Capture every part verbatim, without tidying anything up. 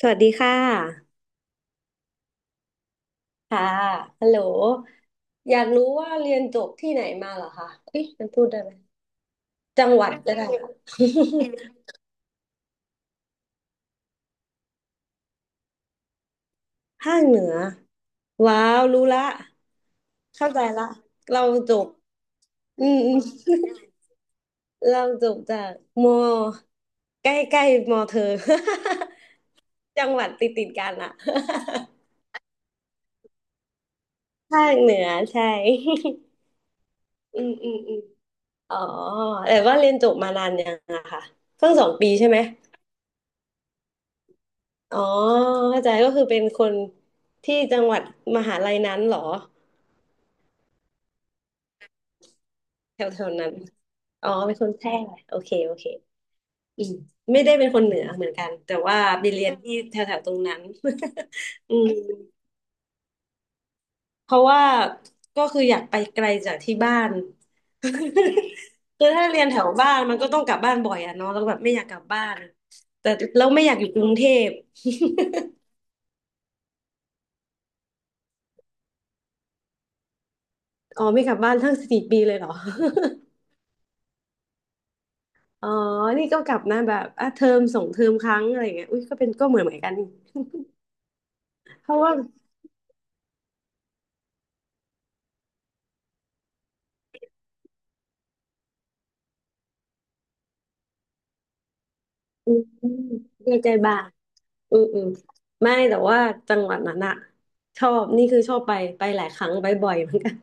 สวัสดีค่ะค่ะฮัลโหลอยากรู้ว่าเรียนจบที่ไหนมาเหรอคะเอ๊ะมันพูดได้ไหมจังหวัดก็ได้ค่ะ ภาคเหนือ ว้าว รู้ละเข้าใจละเราจบอืมอืม เราจบจากมอใกล้ใกล้มอเธอ จังหวัดติดติดกันอะ ภาคเหนือใช่ อืมอืมอืมอ๋อแต่ว่าเรียนจบมานานยังอะค่ะเพิ่งสองปีใช่ไหม อ๋อเข้าใจก็คือเป็นคนที่จังหวัดมหาลัยนั้นเหรอแถวแถวนั้นอ๋อเป็นคนแพร่โอเคโอเคอืมไม่ได้เป็นคนเหนือเหมือนกันแต่ว่าไปเรียนที่แถวแถวตรงนั้น อืมเพราะว่าก็คืออยากไปไกลจากที่บ้าน คือถ้าเรียนแถวบ้านมันก็ต้องกลับบ้านบ่อยอะเนาะแล้วแบบไม่อยากกลับบ้านแต่เราไม่อยากอยู่กรุงเทพอ๋อไม่กลับบ้านทั้งสี่ปีเลยเหรอ อ๋อนี่ก็กลับนะแบบอ่ะเทอมส่งเทอมครั้งอะไรเงี้ยอุ้ยก็เป็นก็เหมือนเหมือนกันนี่เพราะว่าอืมเรียนใจบางอืมอืมไม่แต่ว่าจังหวัดนั้นอะชอบนี่คือชอบไปไปหลายครั้งไปบ่อยเหมือนกัน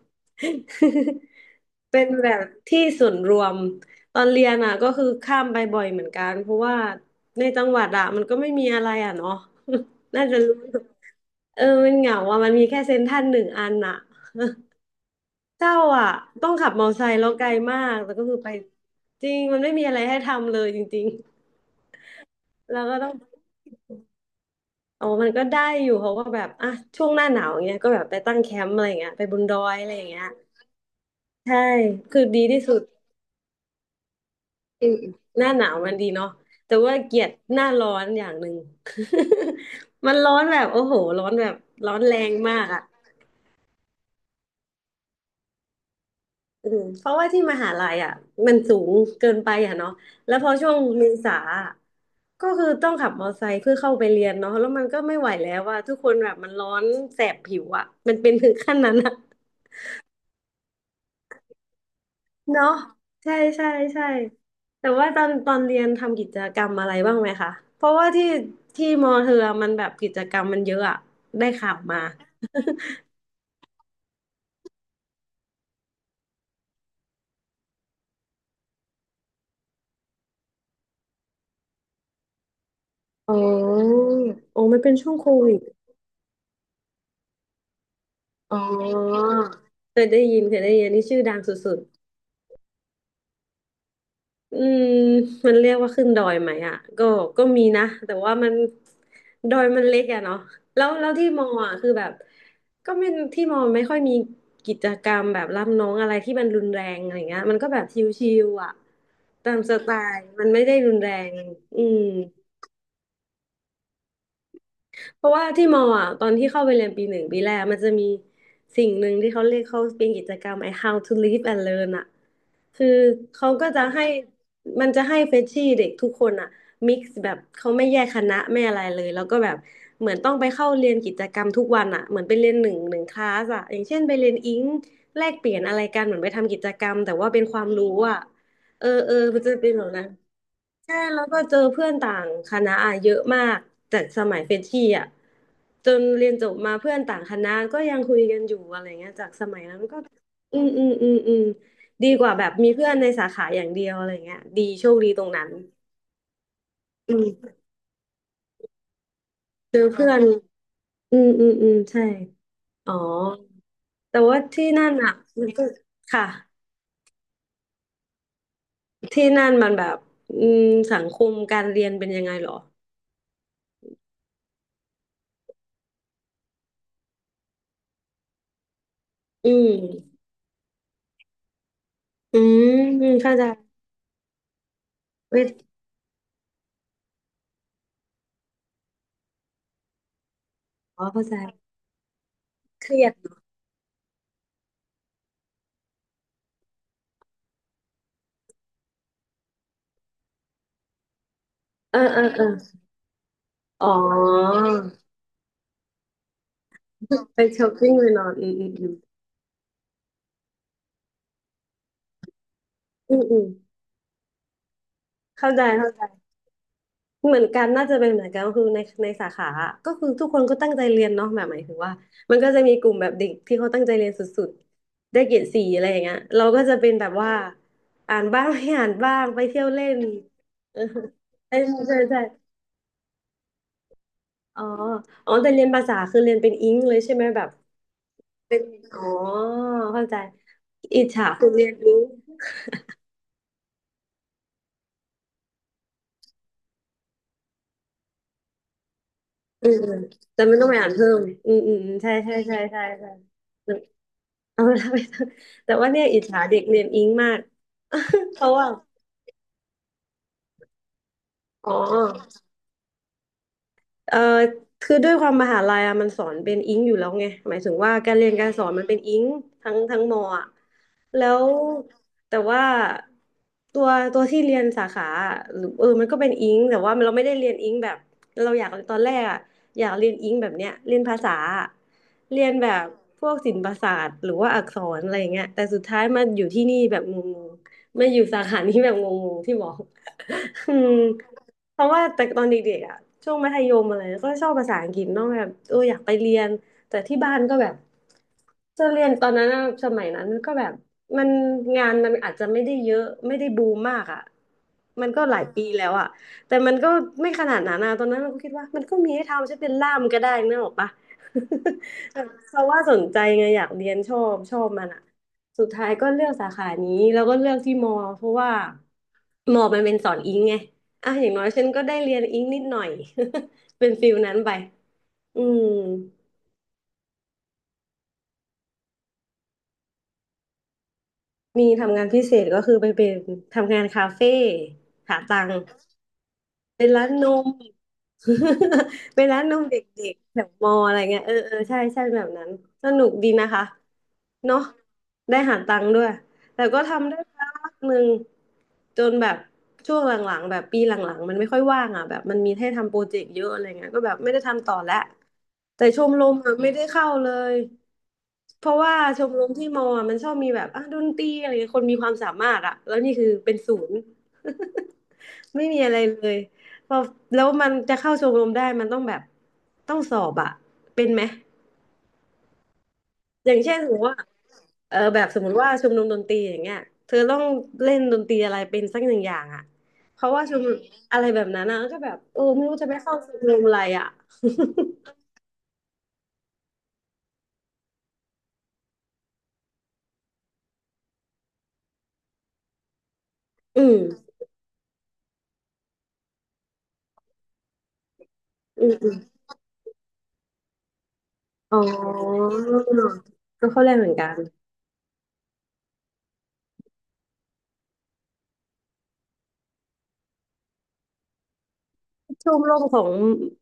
เป็นแบบที่ส่วนรวมตอนเรียนอะก็คือข้ามไปบ่อยเหมือนกันเพราะว่าในจังหวัดอะมันก็ไม่มีอะไรอะเนาะ น่าจะรู้เออมันเหงาอะมันมีแค่เซ็นทรัลหนึ่งอันอะ เจ้าอ่ะต้องขับมอเตอร์ไซค์แล้วไกลมากแล้วก็คือไปจริงมันไม่มีอะไรให้ทำเลยจริงๆแล้วก็ต้องอ๋อมันก็ได้อยู่เขาก็แบบอ่ะช่วงหน้าหนาวอย่างเงี้ยก็แบบไปตั้งแคมป์อะไรอย่างเงี้ยไปบนดอยอะไรอย่างเงี้ยใช่คือดีที่สุดอืมหน้าหนาวมันดีเนาะแต่ว่าเกลียดหน้าร้อนอย่างหนึ่ง มันร้อนแบบโอ้โหร้อนแบบร้อนแรงมากอ่ะ อืมเพราะว่าที่มหาลัยอ่ะมันสูงเกินไปอ่ะเนาะแล้วพอช่วงเมษาอะก็คือต้องขับมอเตอร์ไซค์เพื่อเข้าไปเรียนเนาะแล้วมันก็ไม่ไหวแล้วว่าทุกคนแบบมันร้อนแสบผิวอ่ะมันเป็นถึงขั้นนั้นอ่ะเนาะใช่ใช่ใช่แต่ว่าตอนตอนเรียนทำกิจกรรมอะไรบ้างไหมคะเพราะว่าที่ที่มอเธอมันแบบกิจกรรมมันเยอะอ่ะได้ข่าวมาอ๋อโอ้มันเป็นช่วงโควิดอ๋อเคยได้ยินเคยได้ยินนี่ชื่อดังสุด อืมมันเรียกว่าขึ้นดอยไหมอ่ะก็ก็มีนะแต่ว่ามันดอยมันเล็กอะเนาะแล้วแล้วที่มออ่ะคือแบบก็ไม่ที่มอไม่ค่อยมีกิจกรรมแบบรับน้องอะไรที่มันรุนแรงอะไรเงี้ยมันก็แบบชิวๆอ่ะตามสไตล์มันไม่ได้รุนแรงอืม เพราะว่าที่มออ่ะตอนที่เข้าไปเรียนปีหนึ่งปีแรกมันจะมีสิ่งหนึ่งที่เขาเรียกเขาเป็นกิจกรรมไอ้ How to Live and Learn อ่ะคือเขาก็จะให้มันจะให้เฟรชชี่เด็กทุกคนอ่ะมิกซ์แบบเขาไม่แยกคณะไม่อะไรเลยแล้วก็แบบเหมือนต้องไปเข้าเรียนกิจกรรมทุกวันอ่ะเหมือนไปเรียนหนึ่งหนึ่งคลาสอ่ะอย่างเช่นไปเรียนอิงแลกเปลี่ยนอะไรกันเหมือนไปทำกิจกรรมแต่ว่าเป็นความรู้อ่ะ เออเออมันจะเป็นแบบนั้นใช่แล้วก็เจอเพื่อนต่างคณะอะเยอะมากแต่สมัยเฟรชชี่อ่ะจนเรียนจบมาเพื่อนต่างคณะก็ยังคุยกันอยู่อะไรเงี้ยจากสมัยนั้นก็อืมอืมอืมอืมดีกว่าแบบมีเพื่อนในสาขาอย่างเดียวอะไรเงี้ยดีโชคดีตรงนั้นอืมเจอเพื่อนอืมอืมอืมใช่อ๋อแต่ว่าที่นั่นอ่ะมันก็ค่ะที่นั่นมันแบบอืมสังคมการเรียนเป็นยังไงเหรออืมอืมเข้าใจ เวทอ๋อเข้าใจเครียดเออเออเอออ๋อไปช้อปปิ้งไปนอนอืมอืมอืมอืมอืมเข้าใจเข้าใจเหมือนกันน่าจะเป็นเหมือนกันก็คือในในสาขาอะก็คือทุกคนก็ตั้งใจเรียนเนาะแบบหมายถึงว่ามันก็จะมีกลุ่มแบบเด็กที่เขาตั้งใจเรียนสุดๆได้เกรดสี่อะไรอย่างเงี้ยเราก็จะเป็นแบบว่าอ่านบ้างไม่อ่านบ้างไปเที่ยวเล่นเออใช่ใช่ใช่อ๋ออ๋อแต่เรียนภาษาคือเรียนเป็นอิงเลยใช่ไหมแบบอ๋อเข้าใจอิจฉาคุณเรียนรู้ อืมอืมแต่มันต้องไปอ่านเพิ่มอืมอืมอืมใช่ใช่ใช่ใช่ใช่เอาละไปแต่ว่าเนี่ยอิจฉาเด็กเรียนอิงมาก เพราะว่าอ๋อ เอ่อคือด้วยความมหาลัยอะมันสอนเป็นอิงอยู่แล้วไงหมายถึงว่าการเรียนการสอนมันเป็นอิงทั้งทั้งมออะแล้วแต่ว่าตัวตัวที่เรียนสาขาอะหรือเออมันก็เป็นอิงแต่ว่าเราไม่ได้เรียนอิงแบบเราอยากตอนแรกอะอยากเรียนอิงแบบเนี้ยเรียนภาษาอะเรียนแบบพวกศิลปศาสตร์หรือว่าอักษรอะไรอย่างเงี้ยแต่สุดท้ายมาอยู่ที่นี่แบบงงๆมาอยู่สาขานี้แบบงงๆที่บอก อืม เพราะว่าแต่ตอนเด็กๆอ่ะช่วงมัธยมอะไรก็ชอบภาษาอังกฤษเนาะแบบเอออยากไปเรียนแต่ที่บ้านก็แบบจะเรียนตอนนั้นอะสมัยนั้นก็แบบมันงานมันอาจจะไม่ได้เยอะไม่ได้บูมมากอ่ะมันก็หลายปีแล้วอ่ะแต่มันก็ไม่ขนาดนั้นนะตอนนั้นเราก็คิดว่ามันก็มีให้ทำฉันเป็นล่ามก็ได้นึกออกปะ เพราะว่าสนใจไงอยากเรียนชอบชอบมันอะสุดท้ายก็เลือกสาขานี้แล้วก็เลือกที่มอเพราะว่ามอมันเป็นสอนอิงไงอ่ะอย่างน้อยฉันก็ได้เรียนอิงนิดหน่อย เป็นฟิลนั้นไปอืมมีทำงานพิเศษก็คือไปเป็นทำงานคาเฟ่หาตังค์ เป็นร้านนม เป็นร้านนมเด็กๆแถวมออะไรเงี้ยเออเออใช่ใช่แบบนั้นสนุกดีนะคะเนาะได้หาตังค์ด้วยแต่ก็ทำได้พักหนึ่งจนแบบช่วงหลังๆแบบปีหลังๆมันไม่ค่อยว่างอ่ะแบบมันมีให้ทำโปรเจกต์เยอะอะไรเงี้ยก็แบบไม่ได้ทำต่อแล้วแต่ชมรมอะไม่ได้เข้าเลยเพราะว่าชมรมที่มออะมันชอบมีแบบอ่ะดนตรีอะไรเงี้ยคนมีความสามารถอ่ะแล้วนี่คือเป็นศูนย์ ไม่มีอะไรเลยพอแล้วมันจะเข้าชมรมได้มันต้องแบบต้องสอบอะเป็นไหมอย่างเช่นสมมติว่าเออแบบสมมติว่าชมรมดนตรีอย่างเงี้ยเธอต้องเล่นดนตรีอะไรเป็นสักหนึ่งอย่างอะเพราะว่าชมรมอะไรแบบนั้นนะก็แบบเออไม่รู้จะไปเข้าชมรมอะไรอะอืมอืมอมอ๋อก็เข้าแรกเหมือนกันชมรมของ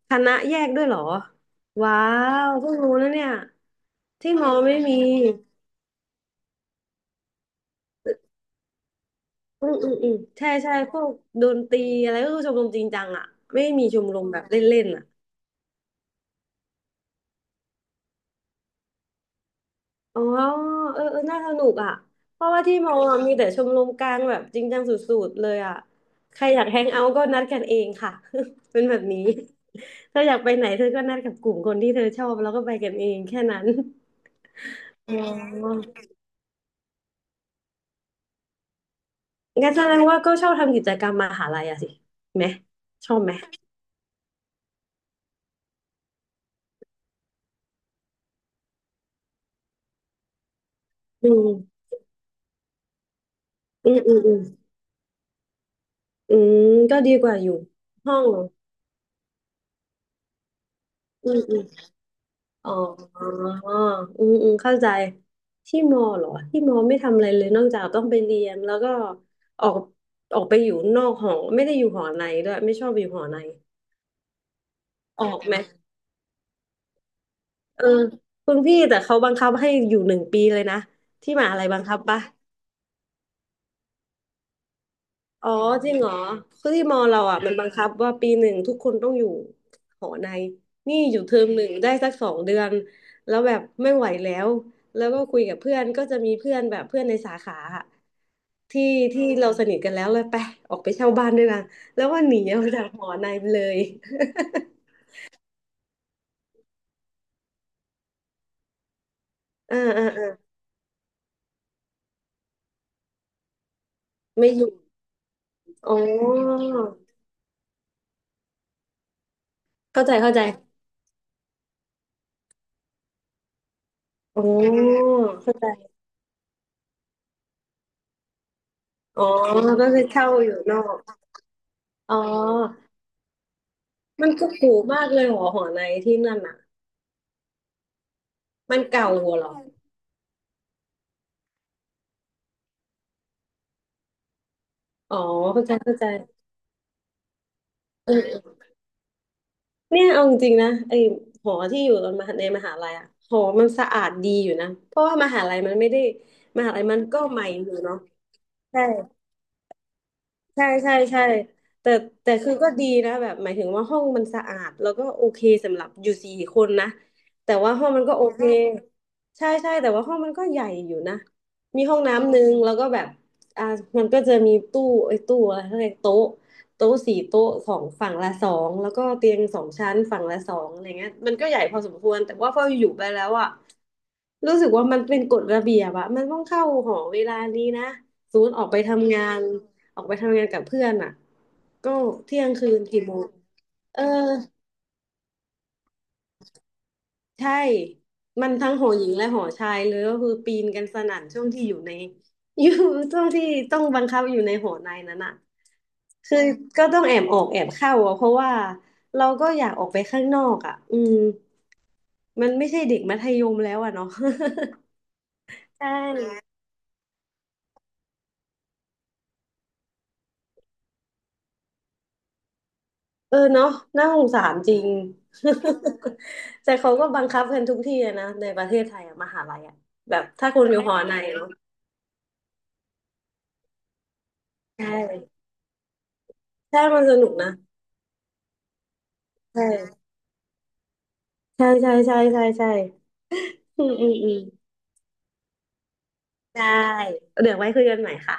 คณะแยกด้วยเหรอว้าวเพิ่งรู้นะเนี่ยที่มอไม่มี อืมอืมอืมใช่ใช่พวกดนตรีอะไรก็คือชมรมจริงจังอ่ะไม่มีชมรมแบบเล่นๆอ่ะอ๋อเออเออน่าสนุกอ่ะเพราะว่าที่มออะมีแต่ชมรมกลางแบบจริงจังสุดๆเลยอ่ะใครอยากแฮงเอาท์ก็นัดกันเองค่ะ เป็นแบบนี้เธออยากไปไหนเธอ ก็นัดกับกลุ่มคนที่เธอชอบแล้วก็ไปกันเองแค่นั้นอ๋องั้นแสดงว่าก็ชอบทำกิจกรรมมหาลัยอะสิไหมชอบไหมอืมอืมอืมอืมอืมก็ดีกว่าอยู่ห้องเหรออืม อ๋ออืมอืมเข้าใจที่มอเหรอที่มอไม่ทำอะไรเลยนอกจากต้องไปเรียนแล้วก็ออกออกไปอยู่นอกหอไม่ได้อยู่หอในด้วยไม่ชอบอยู่หอในออกไหมเออคุณพี่แต่เขาบังคับให้อยู่หนึ่งปีเลยนะที่มหาลัยบังคับปะอ๋อจริงเหรอคือที่มอเราอ่ะมันบังคับว่าปีหนึ่งทุกคนต้องอยู่หอในนี่อยู่เทอมหนึ่งได้สักสองเดือนแล้วแบบไม่ไหวแล้วแล้วก็คุยกับเพื่อนก็จะมีเพื่อนแบบเพื่อนในสาขาอะ ที่ที่เราสนิทกันแล้วเลยไปออกไปเช่าบ้านด้วยกันแล้วว่าหนีออกจากหอในไปเลย อ่าอ่าอ่าไม่อยู่อ๋อเข้าใจเข้าใจอ๋อเข้าใจอ๋อก็คือเช่าอยู่นอกอ๋อมันก็ถูกมากเลยหอหอในที่นั่นอ่ะมันเก่าหัวเหรออ๋อเข้าใจเข้าใจเออเออเนี่ยเอาจริงๆนะไอหอที่อยู่ตอนมหาในมหาลัยอ่ะหอมันสะอาดดีอยู่นะเพราะว่ามหาลัยมันไม่ได้มหาลัยมันก็ใหม่อยู่เนาะใช่ ใช่ใช่ใช่แต่แต่คือก็ดีนะแบบหมายถึงว่าห้องมันสะอาดแล้วก็โอเคสำหรับอยู่สี่คนนะแต่ว่าห้องมันก็โอเคใช่ใช่แต่ว่าห้องมันก็ใหญ่อยู่นะมีห้องน้ำหนึ่งแล้วก็แบบอ่ามันก็จะมีตู้ไอ้ยตู้อะไรเขาเรียกโต๊ะโต๊ะสี่โต๊ะสองฝั่งละสองแล้วก็เตียงสองชั้นฝั่งละสองอะไรเงี้ยมันก็ใหญ่พอสมควรแต่ว่าพออยู่ไปแล้วอ่ะ รู้สึกว่ามันเป็นกฎระเบียบอะมันต้องเข้าหอเวลานี้นะสมมติออกไปทำงานออกไปทำงานกับเพื่อนอะก็เที่ยงคืนกี่โมงเออใช่มันทั้งหอหญิงและหอชายเลยก็คือปีนกันสนั่นช่วงที่อยู่ใน อยู่ช่วงที่ต้องบังคับอยู่ในหอในนั้นอะคือก็ต้องแอบออกแอบเข้าอะเพราะว่าเราก็อยากออกไปข้างนอกอะอืมมันไม่ใช่เด็กมัธยมแล้วอะเนาะ ใช่ เออเนาะน่าสงสารจริง แต่เขาก็บังคับกันทุกที่อะนะในประเทศไทยอะมหาลัยอะแบบถ้าคุณอยู่หอในเนาะใช่ใช่มันสนุกนะใช่ใช่ใช่ใช่ใช่ใช่อืมอืมอืมได้เดี๋ยวไว้คุยกันใหม่ค่ะ